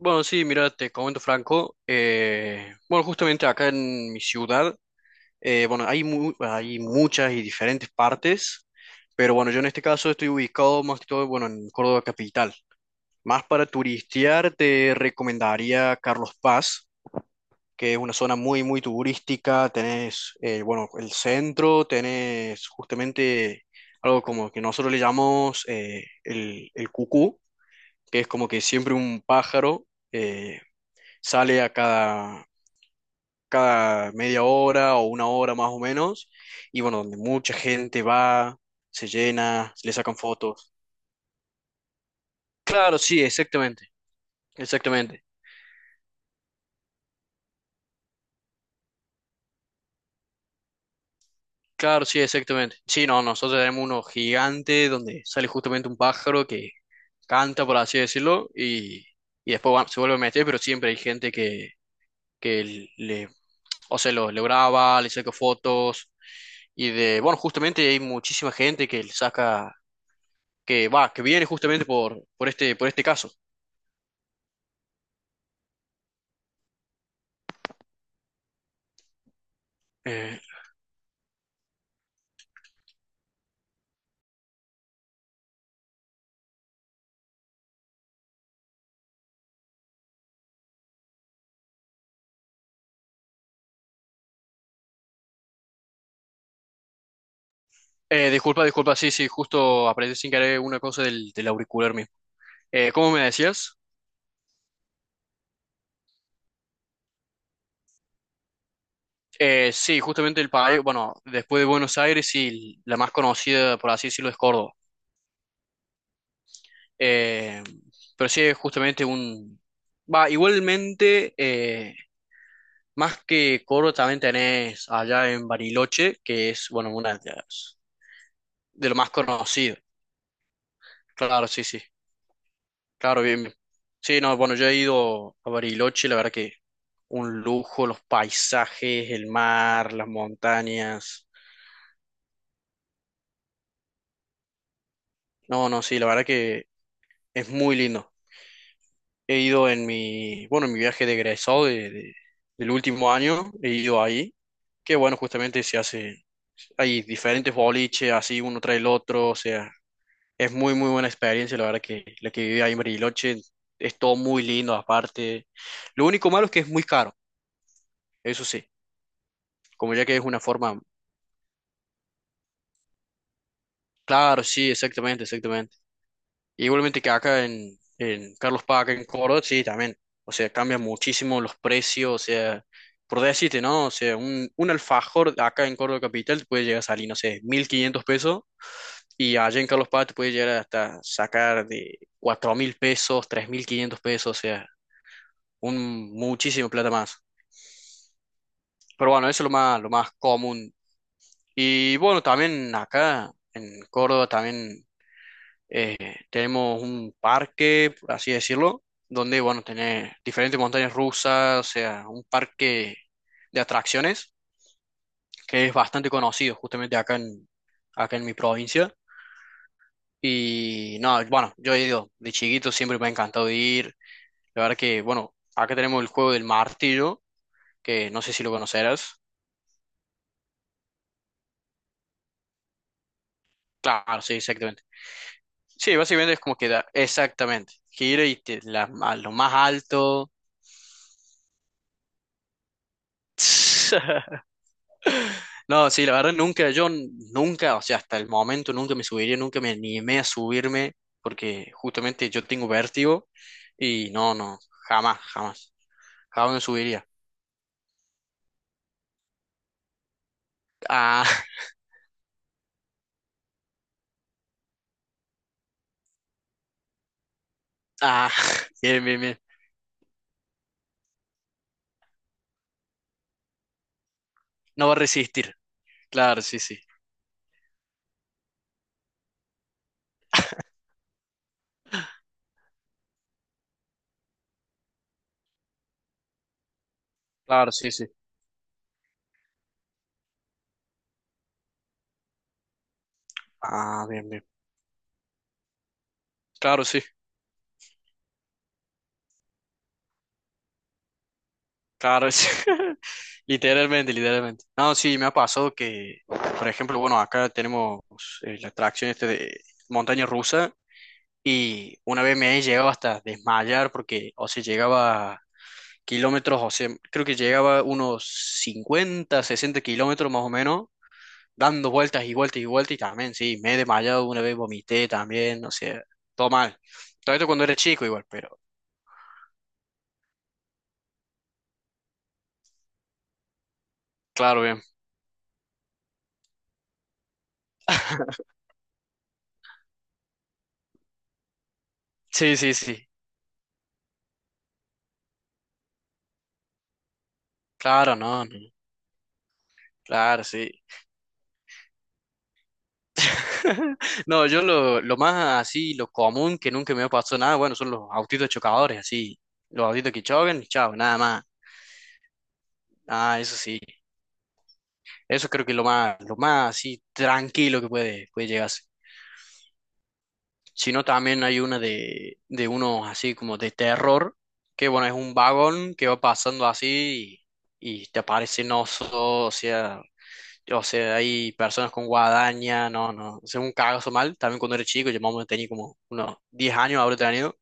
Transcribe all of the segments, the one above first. Bueno, sí, mira, te comento Franco. Bueno, justamente acá en mi ciudad, bueno, hay, hay muchas y diferentes partes, pero bueno, yo en este caso estoy ubicado más que todo, bueno, en Córdoba capital. Más para turistear, te recomendaría Carlos Paz, que es una zona muy, muy turística. Tenés, bueno, el centro, tenés justamente algo como que nosotros le llamamos el cucú, que es como que siempre un pájaro. eh, sale a cada media hora o una hora más o menos, y bueno, donde mucha gente va, se llena, le sacan fotos. Claro, sí, exactamente, exactamente. Claro, sí, exactamente. Sí, no, nosotros tenemos uno gigante donde sale justamente un pájaro que canta, por así decirlo, y después se vuelve a meter, pero siempre hay gente que o sea, lo graba, le saca fotos, y de, bueno, justamente hay muchísima gente que le saca que va, que viene justamente por este caso. Eh, disculpa, disculpa, sí, sí, justo aprendí sin querer una cosa del auricular mío. ¿Cómo me decías? Sí, justamente el país, bueno, después de Buenos Aires, sí, la más conocida, por así decirlo, es Córdoba. Eh, pero sí, es justamente un... Va, igualmente, más que Córdoba, también tenés allá en Bariloche, que es, bueno, una de las, de lo más conocido. Claro, sí, sí. Claro, bien. Bien. Sí, no, bueno, yo he ido a Bariloche, la verdad que un lujo, los paisajes, el mar, las montañas. No, no, sí, la verdad que es muy lindo. He ido en mi, bueno, en mi viaje de egresado del último año, he ido ahí, que bueno, justamente se hace, hay diferentes boliches, así uno trae el otro, o sea, es muy, muy buena experiencia, la verdad que la que viví ahí en Bariloche es todo muy lindo aparte. Lo único malo es que es muy caro, eso sí. Como ya que es una forma, claro, sí, exactamente, exactamente. Igualmente que acá en Carlos Paz, acá en Córdoba, sí, también, o sea, cambian muchísimo los precios, o sea, por decirte, ¿no? O sea, un alfajor acá en Córdoba Capital te puede llegar a salir, no sé, 1500 pesos, y allá en Carlos Paz te puede llegar hasta sacar de 4000 pesos, 3500 pesos, o sea, un muchísimo plata más. Pero bueno, eso es lo más común. Y bueno, también acá en Córdoba también. Eh, Tenemos un parque, por así decirlo, donde, bueno, tenés diferentes montañas rusas, o sea, un parque de atracciones que es bastante conocido justamente acá en mi provincia. Y no, bueno, yo he ido de chiquito, siempre me ha encantado ir. La verdad que, bueno, acá tenemos el juego del martillo, que no sé si lo conocerás. Claro, sí, exactamente. Sí, básicamente es como que da, exactamente, gira y a lo más alto. No, sí, la verdad nunca, nunca, o sea, hasta el momento nunca me subiría, nunca me animé a subirme, porque justamente yo tengo vértigo y no, no, jamás, jamás, jamás me subiría. Ah, ah, bien, bien, bien. No va a resistir. Claro, sí, sí. Claro, sí, sí. Ah, bien, bien. Claro, sí, claro, sí. Literalmente, literalmente. No, sí, me ha pasado que, por ejemplo, bueno, acá tenemos la atracción este de montaña rusa. Y una vez me he llegado hasta desmayar porque, o sea, llegaba kilómetros, o sea, creo que llegaba unos 50-60 kilómetros más o menos, dando vueltas y vueltas y vueltas y también, sí, me he desmayado una vez, vomité también, o sea, todo mal. Todo esto cuando era chico igual, pero claro, bien. Sí, sí, sí, claro, no, no, claro, sí. No, yo lo más así, lo común que nunca me ha pasado nada, bueno, son los autitos chocadores, así, los autitos que chocan y chao, nada más. Ah, eso sí. Eso creo que es lo más así tranquilo que puede llegar a ser. Si no, también hay una de unos así como de terror, que bueno, es un vagón que va pasando así y te aparecen osos, o sea, hay personas con guadaña, no, no, es un cagazo mal. También cuando era chico, yo más o menos tenía como unos 10 años, habré tenido,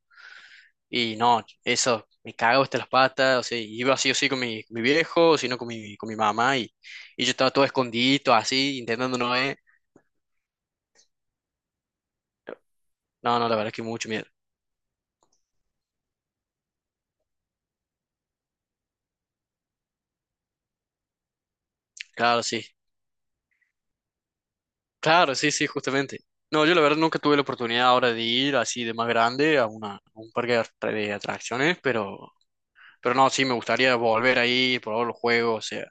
y no, eso, me cago hasta las patas, o sea, iba así o así con mi viejo, sino con mi mamá, y yo estaba todo escondido así, intentando no ver. No, no, la verdad es que mucho miedo. Claro, sí. Claro, sí, sí, justamente. No, yo la verdad nunca tuve la oportunidad ahora de ir así de más grande a un parque de de atracciones, pero no, sí, me gustaría volver ahí, probar los juegos, o sea,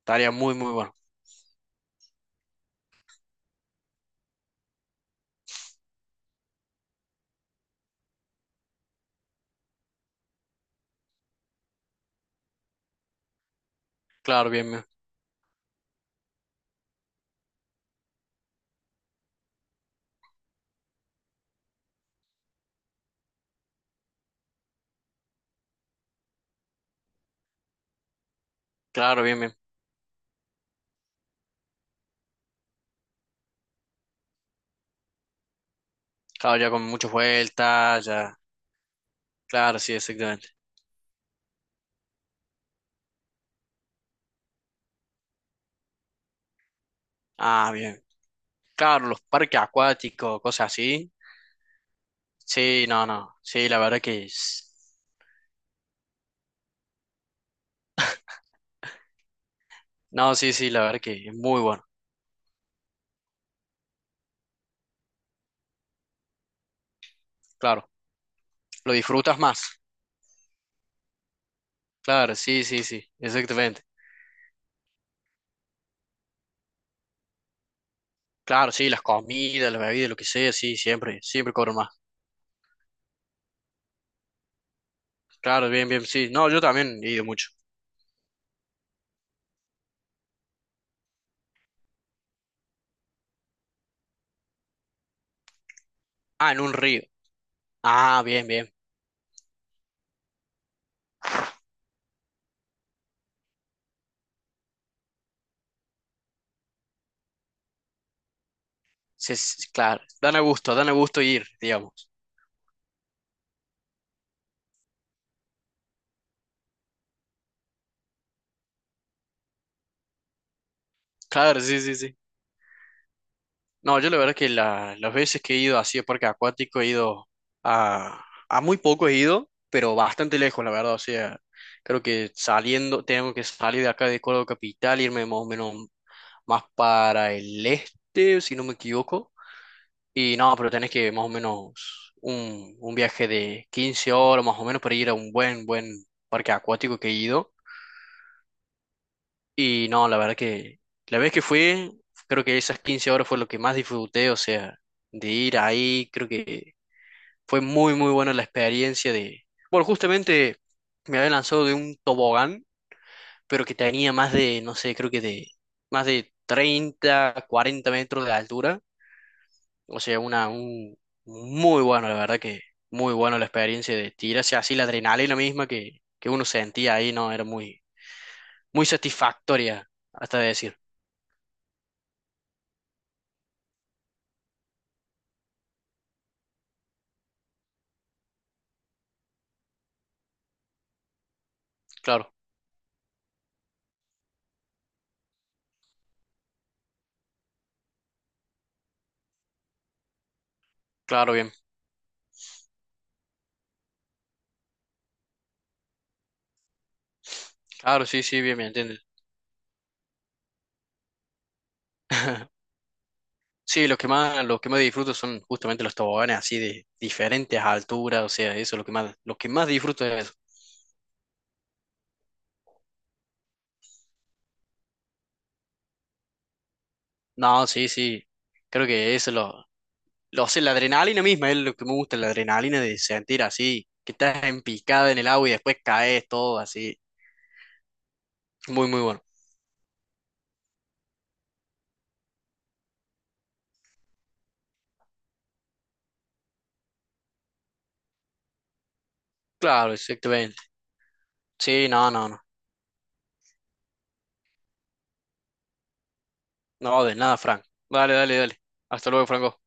estaría muy, muy bueno. Claro, bien, bien. Claro, bien, bien. Claro, ya con muchas vueltas, ya. Claro, sí, exactamente. Ah, bien. Claro, los parques acuáticos, cosas así. Sí, no, no. Sí, la verdad que... No, sí, sí, la verdad que es muy bueno. Claro, lo disfrutas más. Claro, sí, sí, sí, exactamente. Claro, sí, las comidas, las bebidas, lo que sea, sí, siempre, siempre cobro más. Claro, bien, bien, sí. No, yo también he ido mucho. Ah, en un río. Ah, bien, bien. Sí, sí, sí, claro. Dan a gusto ir, digamos. Claro, sí, sí, sí. No, yo la verdad que las veces que he ido así a parque acuático he ido a muy poco he ido, pero bastante lejos, la verdad. O sea, creo que saliendo, tengo que salir de acá de Córdoba Capital, irme más o menos más para el este, si no me equivoco. Y no, pero tenés que más o menos un viaje de 15 horas más o menos para ir a un buen parque acuático que he ido. Y no, la verdad que la vez que fui, creo que esas 15 horas fue lo que más disfruté, o sea, de ir ahí, creo que fue muy, muy buena la experiencia de... Bueno, justamente me había lanzado de un tobogán, pero que tenía más de, no sé, creo que de más de 30-40 metros de altura. O sea, muy bueno, la verdad que muy bueno la experiencia de tirarse así la adrenalina misma que uno sentía ahí, ¿no? Era muy, muy satisfactoria, hasta decir. Claro, claro, bien. Claro, sí, sí, bien, me entiendes. Sí, lo que más disfruto son justamente los toboganes así de diferentes alturas, o sea, eso es lo que más disfruto es eso. No, sí, sí, creo que eso o sea, la adrenalina misma es lo que me gusta, la adrenalina de sentir así, que estás empicado en el agua y después caes todo así. Muy, muy bueno. Claro, exactamente. Sí, no, no, no. No, de nada, Frank. Dale, dale, dale. Hasta luego, Franco.